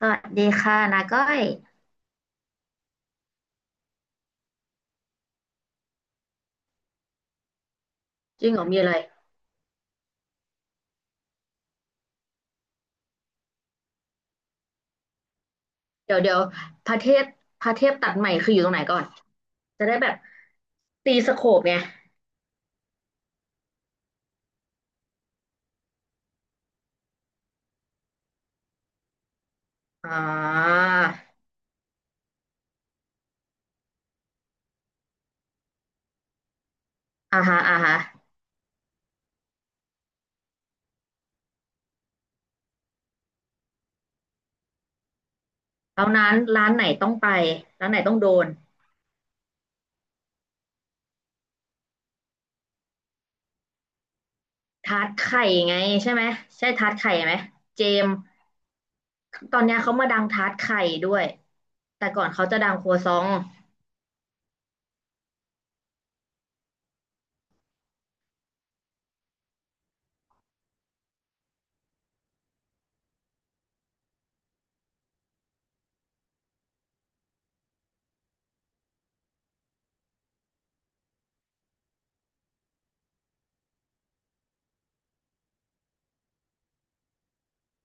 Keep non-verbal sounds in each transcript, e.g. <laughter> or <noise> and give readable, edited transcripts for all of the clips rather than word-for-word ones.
สวัสดีค่ะนาก้อยจริงเหรอมีอะไรเดี๋ยวเดี๋ยวพระเทพพระเทพตัดใหม่คืออยู่ตรงไหนก่อนจะได้แบบตีสโคปไงอ่าอ่าฮะอ่าฮะแล้วร้านร้านไหนต้องไปร้านไหนต้องโดนทาร์ตไข่ไงใช่ไหมใช่ทาร์ตไข่ไหมเจมส์ตอนเนี้ยเขามาดังทาร์ตไข่ด้วยแต่ก่อนเขาจะดังครัวซอง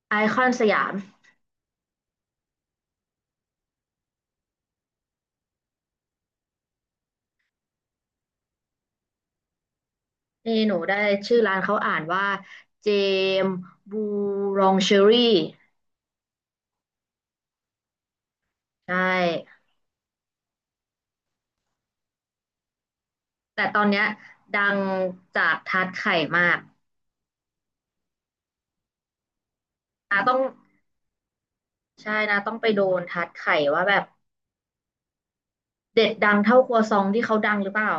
ไอคอนสยามนี่หนูได้ชื่อร้านเขาอ่านว่าเจมส์บูรองเชอรี่ ใช่ แต่ตอนเนี้ยดังจากทัดไข่มากนาต้องใช่นาต้องไปโดนทัดไข่ว่าแบบเด็ดดังเท่าครัวซองที่เขาดังหรือเปล่า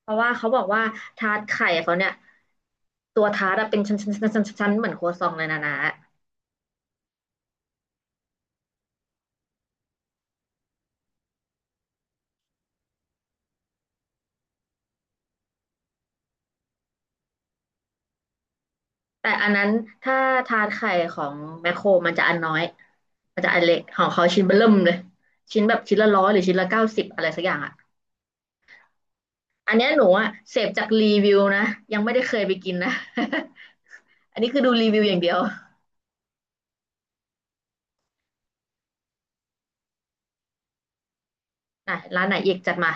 เพราะว่าเขาบอกว่าทาร์ตไข่เขาเนี่ยตัวทาร์ตอะเป็นชั้นชั้นชั้นชั้นชั้นเหมือนครัวซองเลยนะนะแต่อันนั้นถ้าทาร์ตไข่ของแมคโครมันจะอันน้อย มันจะอันเล็กของเขาชิ้นเบิ่มเลยชิ้นแบบชิ้นละ100หรือชิ้นละ90อะไรสักอย่างอะอันเนี้ยหนูอะเสพจากรีวิวนะยังไม่ได้เคยไปกินนะ <laughs> อันนี้คือดูรีวิวอย่างเดียวไหนร้านไหนอีกจัดมา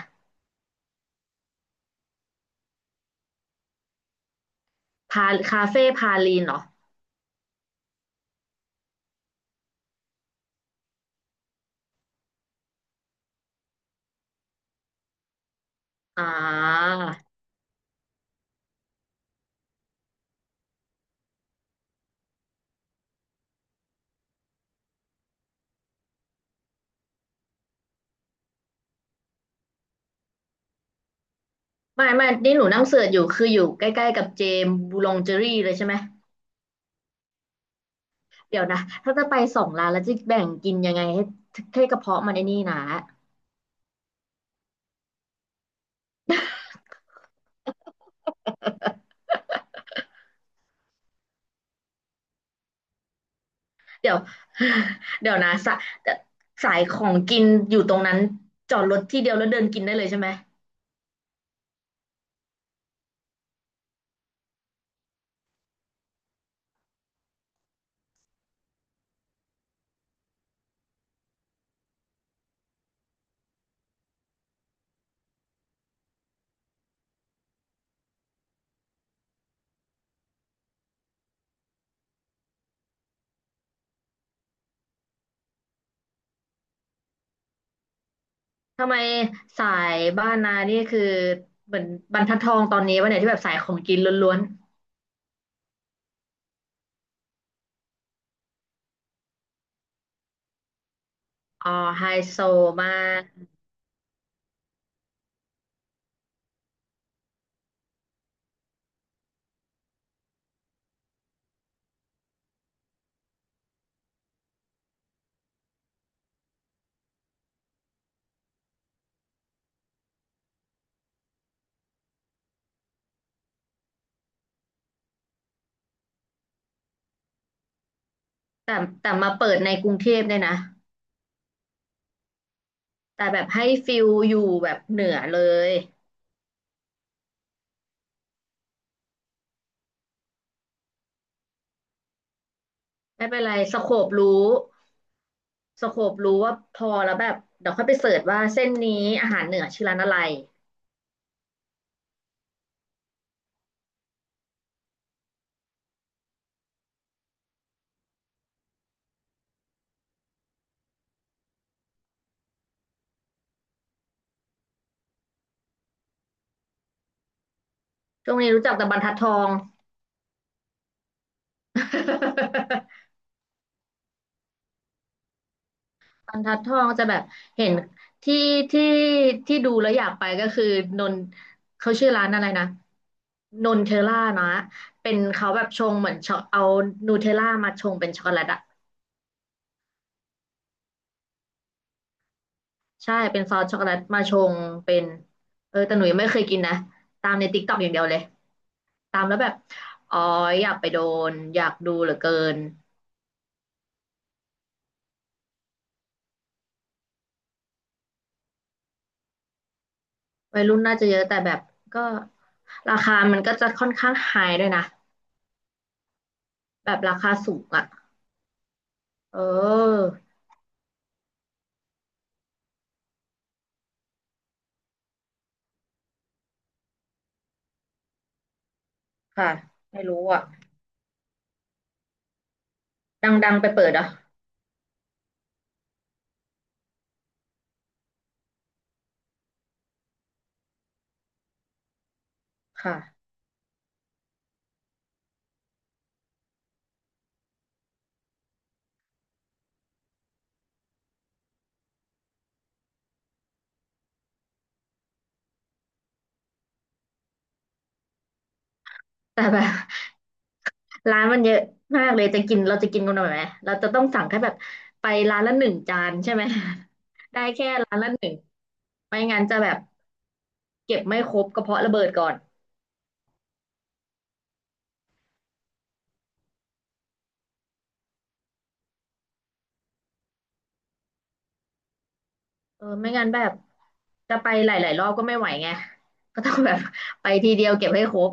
พาคาเฟ่พาลีนเหรอ อ่าไม่ไม่นี่หนูนั่งเสิร์ชอยู่คืออยู่ใกล้ๆกับเจมส์บูลองเจอรี่เลยใช่ไหม เดี๋ยวนะถ้าจะไปสองร้านแล้วจะแบ่งกินยังไงให้ให้กระเพาะมันไอ้นี่นะ <laughs> เดี๋ยว <laughs> เดี๋ยวนะสะสายของกินอยู่ตรงนั้นจอดรถที่เดียวแล้วเดินกินได้เลยใช่ไหม ทำไมสายบ้านนานี่คือเหมือนบรรทัดทองตอนนี้วะเนี่ยที่แบบสายของกินล้วน อ๋อไฮโซมากแต่แต่มาเปิดในกรุงเทพเนี่ยนะแต่แบบให้ฟิลอยู่แบบเหนือเลยไม่เป็นไรสโคปรู้สโคปรู้ว่าพอแล้วแบบเดี๋ยวค่อยไปเสิร์ชว่าเส้นนี้อาหารเหนือชื่อร้านอะไรช่วงนี้รู้จักแต่บรรทัดทอง <laughs> บรรทัดทองจะแบบเห็นที่ที่ที่ดูแล้วอยากไปก็คือนนเขาชื่อร้านอะไรนะนนเทลล่านะเป็นเขาแบบชงเหมือนช็อกเอานูเทลล่ามาชงเป็นช็อกโกแลตอะ ใช่เป็นซอสช็อกโกแลตมาชงเป็นเออแต่หนูยังไม่เคยกินนะตามในติ๊กต็อกอย่างเดียวเลยตามแล้วแบบอ๋ออยากไปโดนอยากดูเหลือเกินวัยรุ่นน่าจะเยอะแต่แบบก็ราคามันก็จะค่อนข้างไฮด้วยนะแบบราคาสูงอ่ะเออค่ะไม่รู้อ่ะดังๆไปเปิดอ่ะค่ะแต่แบบ <laughs> ร้านมันเยอะมากเลยจะกินเราจะกินกันหน่อยไหมเราจะต้องสั่งแค่แบบไปร้านละหนึ่งจานใช่ไหม <laughs> ได้แค่ร้านละ1ไม่งั้นจะแบบ เก็บไม่ครบกระเพาะระเบิดก่อนเออไม่งั้นแบบจะไปหลายๆรอบก็ไม่ไหวไงก็ต้องแบบ <laughs> ไปทีเดียวเก็บให้ครบ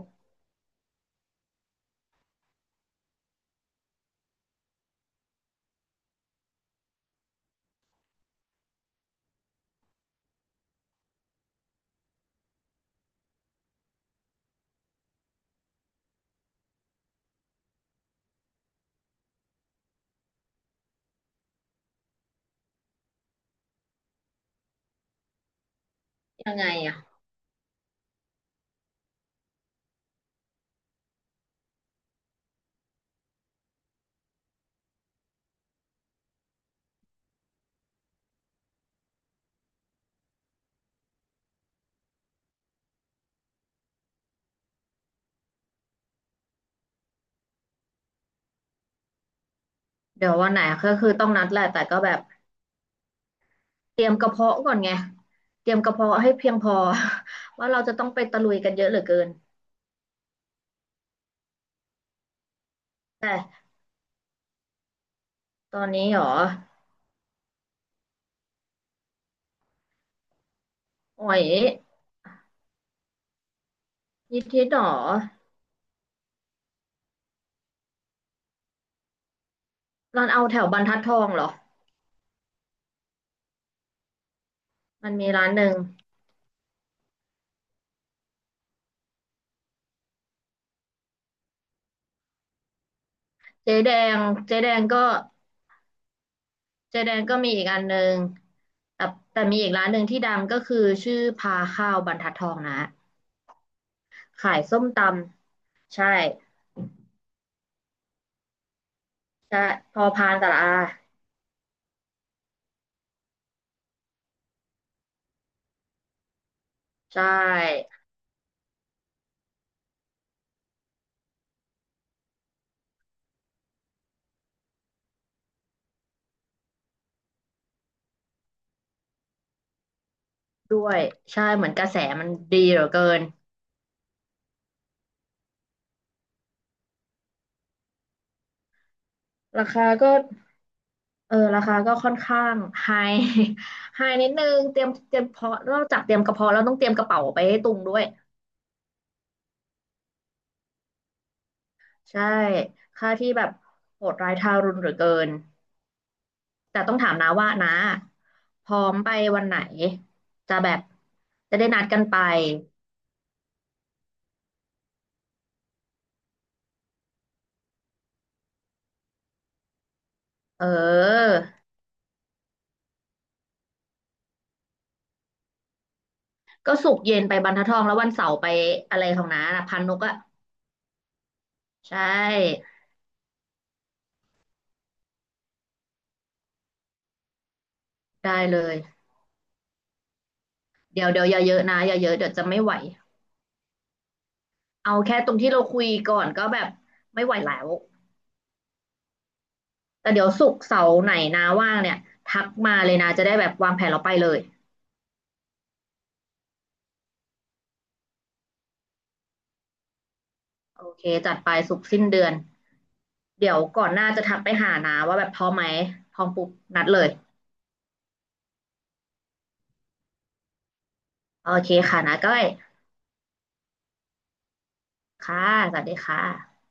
ยังไงอ่ะเดี๋ยววันไหนก็คือต้องนัดแหละแต่ก็แบบเตรียมกระเพาะก่อนไงเตรียมกระเพาะให้เพียงพอ <laughs> ว่าเราจะต้องไปตะลุยกันเยอะเหลือเกินแต่ตอนนี้หรอโอ้ยนิดทิดหรอร้านเอาแถวบรรทัดทองเหรอมันมีร้านหนึ่งเจ๊แดงเจ๊แดงก็ เจแดนก็มีอีกอันหนึ่งแต่แต่มีอีกร้านหนึ่งที่ดังก็คือชื่อพาข้าวบรรทัดทองนะขายส้มตำใช่ใช่พอพานตะละอาใช่ด้วยใช่เหมือนกระแสมันดีเหลือเกินราคาก็เออราคาก็ค่อนข้างไฮไฮ <laughs> นิดนึงเตรียมเตรียมเพาะนอกจากเตรียมกระเพาะแล้วต้องเตรียมกระเป๋าไปให้ตุงด้วยใช่ค่าที่แบบโหดร้ายทารุณเหลือเกิน แต่ต้องถามน้าว่าน้าพร้อมไปวันไหนจะแบบจะได้นัดกันไปเออก็ศุกร์เย็นไปบรรทัดทองแล้ววันเสาร์ไปอะไรของน้านะพันนกอะใช่ได้เลยเดี๋ยวเดี๋ยวอย่าเยอะนะอย่าเยอะเดี๋ยวจะไม่ไหวเอาแค่ตรงที่เราคุยก่อนก็แบบไม่ไหวแล้วแต่เดี๋ยวศุกร์เสาร์ไหนนาว่างเนี่ยทักมาเลยนะจะได้แบบวางแผนเราไปเลยโอเคจัดไปศุกร์สิ้นเดือนเดี๋ยวก่อนหน้าจะทักไปหานาว่าแบบพร้อมไหมพร้อมปุ๊บนัดเลย โอเคค่ะนะก้อยค่ะสวัสดีค่ะ